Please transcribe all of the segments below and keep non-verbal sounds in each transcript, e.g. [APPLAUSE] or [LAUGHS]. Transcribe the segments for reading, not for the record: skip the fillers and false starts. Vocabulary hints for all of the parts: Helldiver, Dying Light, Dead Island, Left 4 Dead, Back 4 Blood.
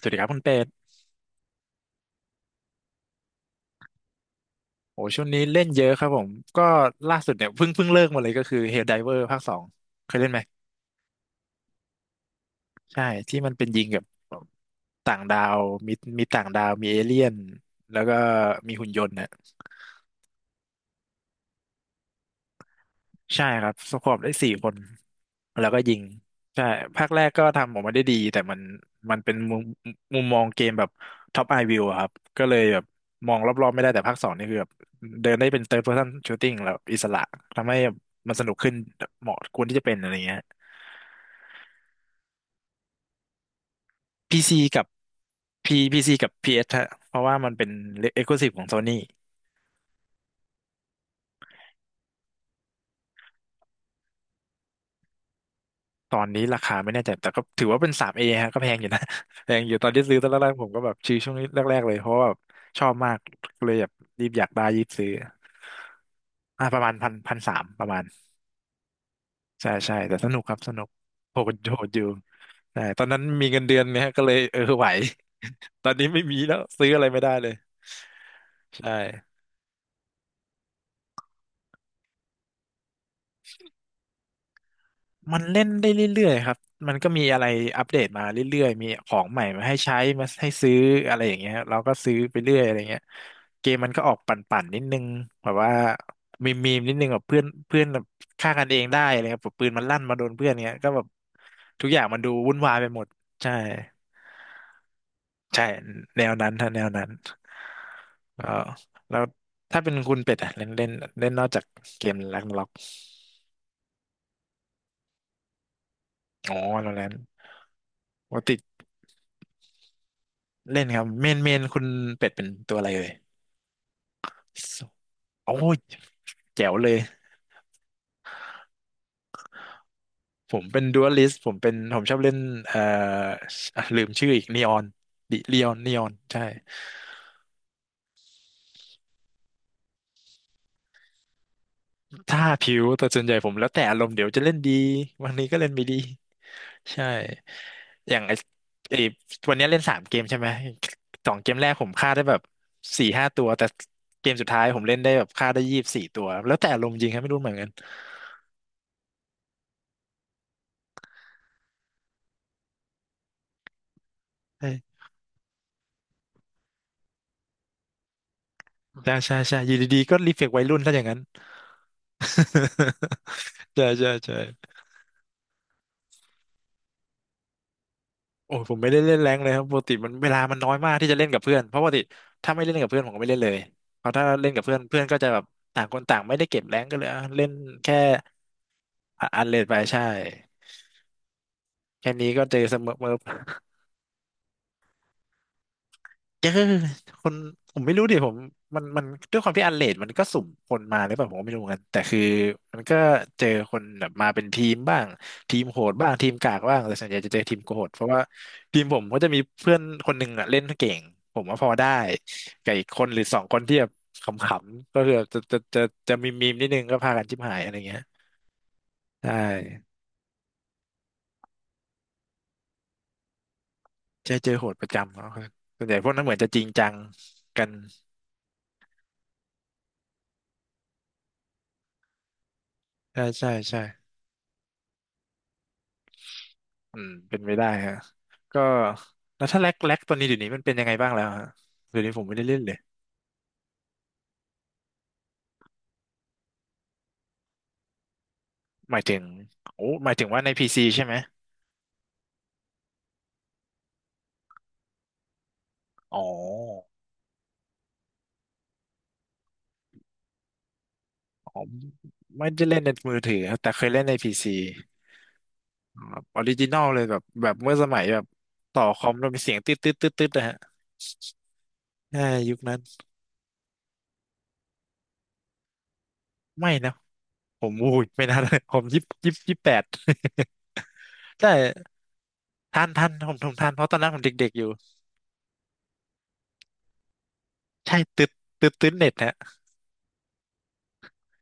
สวัสดีครับคุณเป็ดโอ้ช่วงนี้เล่นเยอะครับผมก็ล่าสุดเนี่ยเพิ่งเลิกมาเลยก็คือ Helldiver ภาคสองเคยเล่นไหมใช่ที่มันเป็นยิงกับต่างดาวมีมีต่างดาวมีเอเลี่ยนแล้วก็มีหุ่นยนต์นะ ใช่ครับสควอตได้สี่คนแล้วก็ยิงใช่ภาคแรกก็ทำออกมาได้ดีแต่มันเป็นมุมมองเกมแบบท็อปไอวิวครับก็เลยแบบมองรอบๆไม่ได้แต่ภาคสองนี่คือแบบเดินได้เป็น third person shooting แล้วอิสระทำให้มันสนุกขึ้นเหมาะควรที่จะเป็นอะไรเงี้ยพีซีกับ P PC กับ PS ฮะเพราะว่ามันเป็น exclusive ของ Sony ตอนนี้ราคาไม่แน่ใจแต่ก็ถือว่าเป็นสามเอฮะก็แพงอยู่นะ [LAUGHS] แพงอยู่ตอนที่ซื้อตอนแรกๆผมก็แบบชื่อช่วงนี้แรกๆเลยเพราะว่าแบบชอบมากเลยแบบรีบอยากได้รีบซื้อประมาณพันสามประมาณใช่ใช่แต่สนุกครับสนุกโหดอยู่ใช่ตอนนั้นมีเงินเดือนเนี่ยก็เลยเออไหว [LAUGHS] ตอนนี้ไม่มีแล้วซื้ออะไรไม่ได้เลยใช่ มันเล่นได้เรื่อยๆครับมันก็มีอะไรอัปเดตมาเรื่อยๆมีของใหม่มาให้ใช้มาให้ซื้ออะไรอย่างเงี้ยเราก็ซื้อไปเรื่อยอะไรเงี้ยเกมมันก็ออกปั่นๆนิดนึงแบบว่ามีนิดนึงแบบเพื่อนเพื่อนแบบฆ่ากันเองได้อะไรครับแบบปืนมันลั่นมาโดนเพื่อนเงี้ยก็แบบทุกอย่างมันดูวุ่นวายไปหมดใช่ใช่แนวนั้นถ้าแนวนั้นเออแล้วถ้าเป็นคุณเป็ดอะเล่นเล่นเล่นนอกจากเกมแร็กล็อกอ๋อแล้วนั้นปกติเล่นครับเมนคุณเป็ดเป็นตัวอะไรเลย โอ้ยแจ๋วเลยผมเป็นดูอัลิสต์ผมชอบเล่นเอ่ออ่ะลืมชื่ออีกนีออนดิเลียนนีออนใช่ถ้าผิวแต่ส่วนใหญ่ผมแล้วแต่อารมณ์เดี๋ยวจะเล่นดีวันนี้ก็เล่นไม่ดีใช่อย่างไอ้วันนี้เล่นสามเกมใช่ไหมสองเกมแรกผมฆ่าได้แบบสี่ห้าตัวแต่เกมสุดท้ายผมเล่นได้แบบฆ่าได้ยี่สิบสี่ตัวแล้วแต่อารมณ์จริงครับไม่รู้เหมือนกันใช่ใช่ใช่ใช่อยู่ดีๆก็รีเฟกวัยรุ่นถ้าอย่างนั้น [LAUGHS] ใช่ใช่ใช่ โอ้ยผมไม่ได้เล่นแรงค์เลยครับปกติมันเวลามันน้อยมากที่จะเล่นกับเพื่อนเพราะปกติถ้าไม่เล่นกับเพื่อนผมก็ไม่เล่นเลยเพราะถ้าเล่นกับเพื่อนเพื่อนก็จะแบบต่างคนต่างไม่ได้เก็บแรงค์ก็เลยอ่ะเล่นแค่อันเลดไปใช่แค่นี้ก็เจอเสมอ เจอคนผมไม่รู้ดิผมมันด้วยความที่อันเลดมันก็สุ่มคนมาหรือเปล่าผมก็ไม่รู้เหมือนกันแต่คือมันก็เจอคนแบบมาเป็นทีมบ้างทีมโหดบ้างทีมกากบ้างแต่ส่วนใหญ่จะเจอทีมโหดเพราะว่าทีมผมก็จะมีเพื่อนคนหนึ่งอะเล่นเก่งผมว่าพอได้กับอีกคนหรือสองคนที่แบบขำๆก็คือจะมีนิดนึงก็พากันจิ้มหายอะไรเงี้ยใช่เจอโหดประจำเขาส่วนใหญ่พวกนั้นเหมือนจะจริงจังกันใช่ใช่ใช่ อืมเป็นไปได้ฮะก็แล้วถ้าแร็กตัวนี้เดี๋ยวนี้มันเป็นยังไงบ้างแล้วฮะเดี๋ยวนี้ผมไม่ได้เล่นเลยหมายถึงโอ้หมายถึงว่าในพีซีใช่ไหมอ๋ออ๋อไม่ได้เล่นในมือถือครับแต่เคยเล่นในพีซีออริจินอลเลยแบบเมื่อสมัยแบบต่อคอมแล้วมีเสียงตืดตืดตืดตืดนะฮะใช่ยุคนั้นไม่นะผมอุ้ยไม่น่าเลยผมยี่สิบแปด [LAUGHS] ใช่ทันผมทันเพราะตอนนั้นผมเด็กๆอยู่ใช่ตืดตืดเน็ตฮะ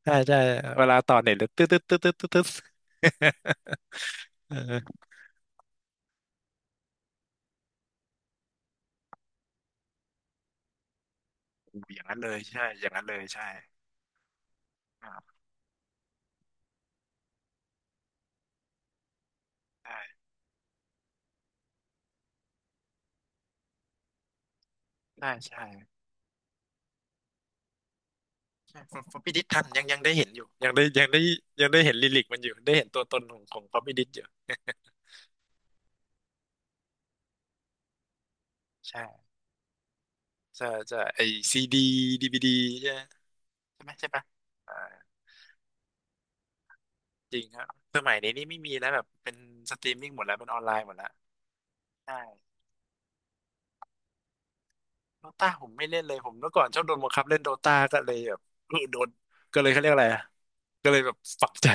ใช่ใช่เวลาต่อเน็ตเลยตึ๊ดตึ๊ดตึ๊ดตึ๊ดตึ๊ดตึ๊ด [LAUGHS] เอออย่างนั้นเลยใช่อย่างนั้นเลยใช่อ่าใช่ใช่ใช่ใช่ผมพิดิษทันยังได้เห็นอยู่ยังได้เห็นลิกมันอยู่ได้เห็นตัวตนของป๊อปปี้ดิษอยู่ใช่ใช่ใช่ไอซีดีดีวีดีใช่ไหมใช่ปะอ่าจริงครับสมัยนี้นี่ไม่มีแล้วแบบเป็นสตรีมมิ่งหมดแล้วเป็นออนไลน์หมดแล้วใช่โดตาผมไม่เล่นเลยผมเมื่อก่อนชอบโดนบังคับเล่นโดตาก็เลยแบบ [LAUGHS] เออโดนก็เลยเขาเรียกอะไรอะ ก็เลยแบบฝังใจ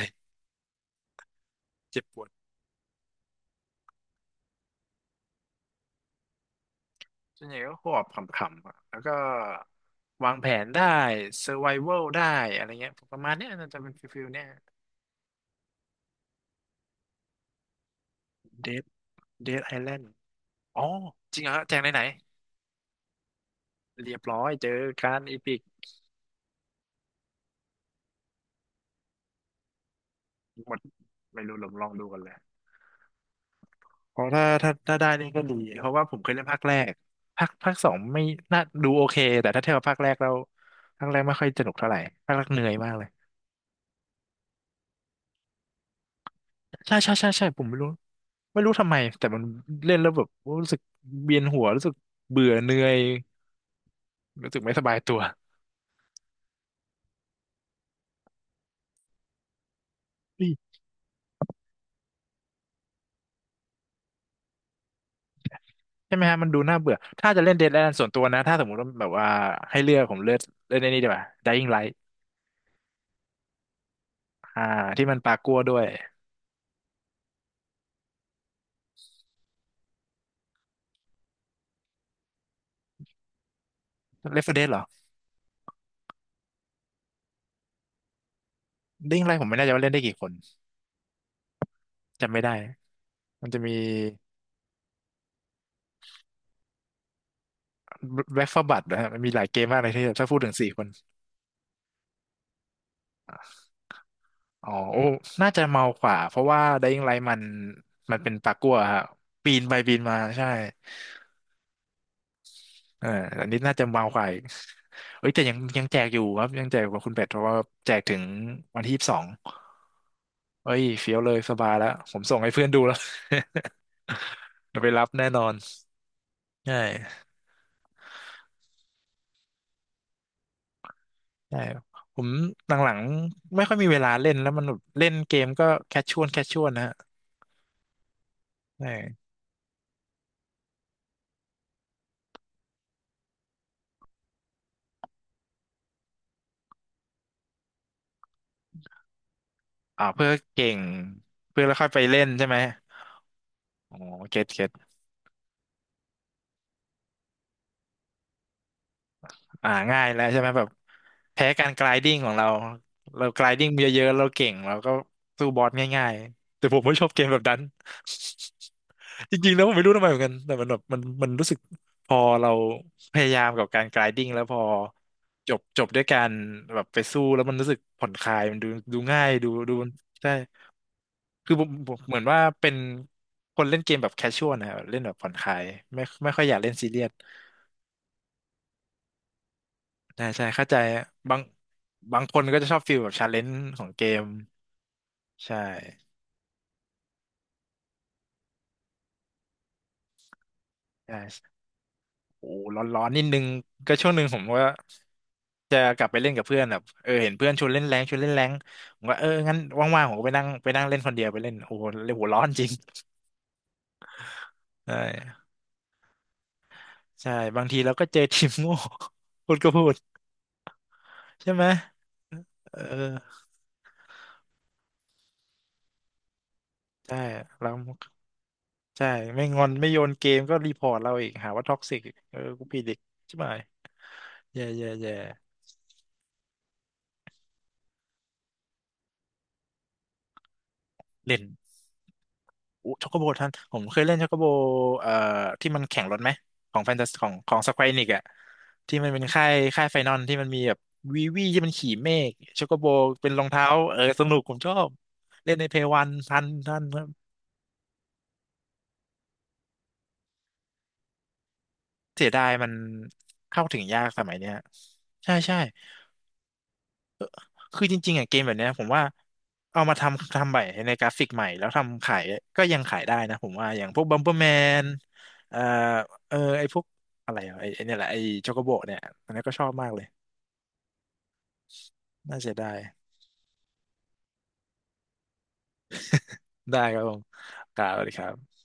เจ็บปวดส่วนใหญ่ก็หอบขำๆอะแล้วก็วางแผนได้เซอร์ไววัลได้อะไรเงี้ยประมาณเนี้ยน่าจะเป็นฟิลเนี้ยเดดเดดไอแลนด์อ๋อจริงเหรอแจงไหนไหนเรียบร้อยเจอการอีพิกหมดไม่รู้ลองลองดูกันเลยเพราะถ้าได้นี่ก็ดีเพราะว่าผมเคยเล่นภาคแรกภาคสองไม่น่าดูโอเคแต่ถ้าเทียบกับภาคแรกแล้วภาคแรกไม่ค่อยสนุกเท่าไหร่ภาคแรกเหนื่อยมากเลย ใช่ใช่ใช่ใช่ผมไม่รู้ทำไมแต่มันเล่นแล้วแบบรู้สึกเวียนหัวรู้สึกเบื่อเหนื่อยรู้สึกไม่สบายตัวอุ๊ยใช่ไหมฮะมันดูน่าเบื่อถ้าจะเล่น Dead Island ส่วนตัวนะถ้าสมมติว่าแบบว่าให้เลือกผมเลือกเล่นไอ้นี่ดีกว่า Dying Light อ่าที่มันปลากัวด้วย Left 4 Dead เหรอ Dying Light ผมไม่แน่ใจว่าเล่นได้กี่คนจำไม่ได้มันจะมี Back 4 Blood นะฮะมันมีหลายเกมมากเลยที่ถ้าพูดถึงสี่คนอ๋อโอ้น่าจะเมากว่าเพราะว่า Dying Light มันเป็นปลากัวฮะปีนไปปีนมาใช่ เอออันนี้น่าจะเมากว่าอีกเอ้ยแต่ยังยังแจกอยู่ครับยังแจกกว่าคุณเป็ดเพราะว่าแจกถึงวันที่ 22เอ้ยเฟี้ยวเลยสบายแล้วผมส่งให้เพื่อนดูแล้ว [LAUGHS] เดี๋ยวไปรับแน่นอนใช่ใช่ผมหลังๆไม่ค่อยมีเวลาเล่นแล้วมันแบบเล่นเกมก็แคชชวลแคชชวลนะฮะใช่เพื่อเก่ง เพื่อแล้วค่อยไปเล่นใช่ไหมอ๋อเก็ต ง่ายแล้วใช่ไหมแบบแพ้การกลายดิ้งของเราเรากลายดิ้งเยอะๆเราเก่งเราก็สู้บอสง่ายๆแต่ผมไม่ชอบเกมแบบนั้น [LAUGHS] จริงๆแล้วผมไม่รู้ทำไมเหมือนกันแต่มันแบบมันรู้สึกพอเราพยายามกับการกลายดิ้งแล้วพอจบด้วยการแบบไปสู้แล้วมันรู้สึกผ่อนคลายมันดูดูง่ายดูใช่คือผมเหมือนว่าเป็นคนเล่นเกมแบบแคชชวลนะครับเล่นแบบผ่อนคลายไม่ค่อยอยากเล่นซีเรียส ใช่ใช่เข้าใจบางบางคนก็จะชอบฟีลแบบชาเลนจ์ของเกมใช่ใช่โอ้ร้อนร้อนนิดนึงก็ช่วงหนึ่งผมก็จะกลับไปเล่นกับเพื่อนแบบเออเห็นเพื่อนชวนเล่นแรงชวนเล่นแรงผมก็เอองั้นว่างๆผมก็ไปนั่งเล่นคนเดียวไปเล่นโอ้โหเลยหัวร้อนจริงใช่ใช่บางทีเราก็เจอทีมโง่ [LAUGHS] พูดก็พูดใช่ไหมเออใช่แล้วใช่ไม่งอนไม่โยนเกมก็รีพอร์ตเราอีกหาว่าท็อกซิกอีกเออกูผิดอีกใช่ไหมแย่แย่แย่ เล่นอช็อกโกโบท่านผมเคยเล่นช็อกโกโบเอ่อที่มันแข่งรถไหมของแฟนตาของของสแควอนิกอะที่มันเป็นค่ายค่ายไฟนอลที่มันมีแบบวีวีที่มันขี่เมฆช็อกโกโบเป็นรองเท้าเออสนุกผมชอบเล่นในเพย์วันทันครับเสียดายมันเข้าถึงยากสมัยเนี้ยใช่ใช่ คือจริงๆอ่ะเกมแบบเนี้ยผมว่าเอามาทำใหม่ในกราฟิกใหม่แล้วทำขายก็ยังขายได้นะผมว่าอย่างพวกบัมเปอร์แมนเอ่อเออไอพวกอะไรอ่ะไอไอ้เนี่ยแหละไอโชโกโบเนี่ยอันนี้ก็ชอบมากเลยน่าเสียดายได้ครับผมกล่าวเลยครับ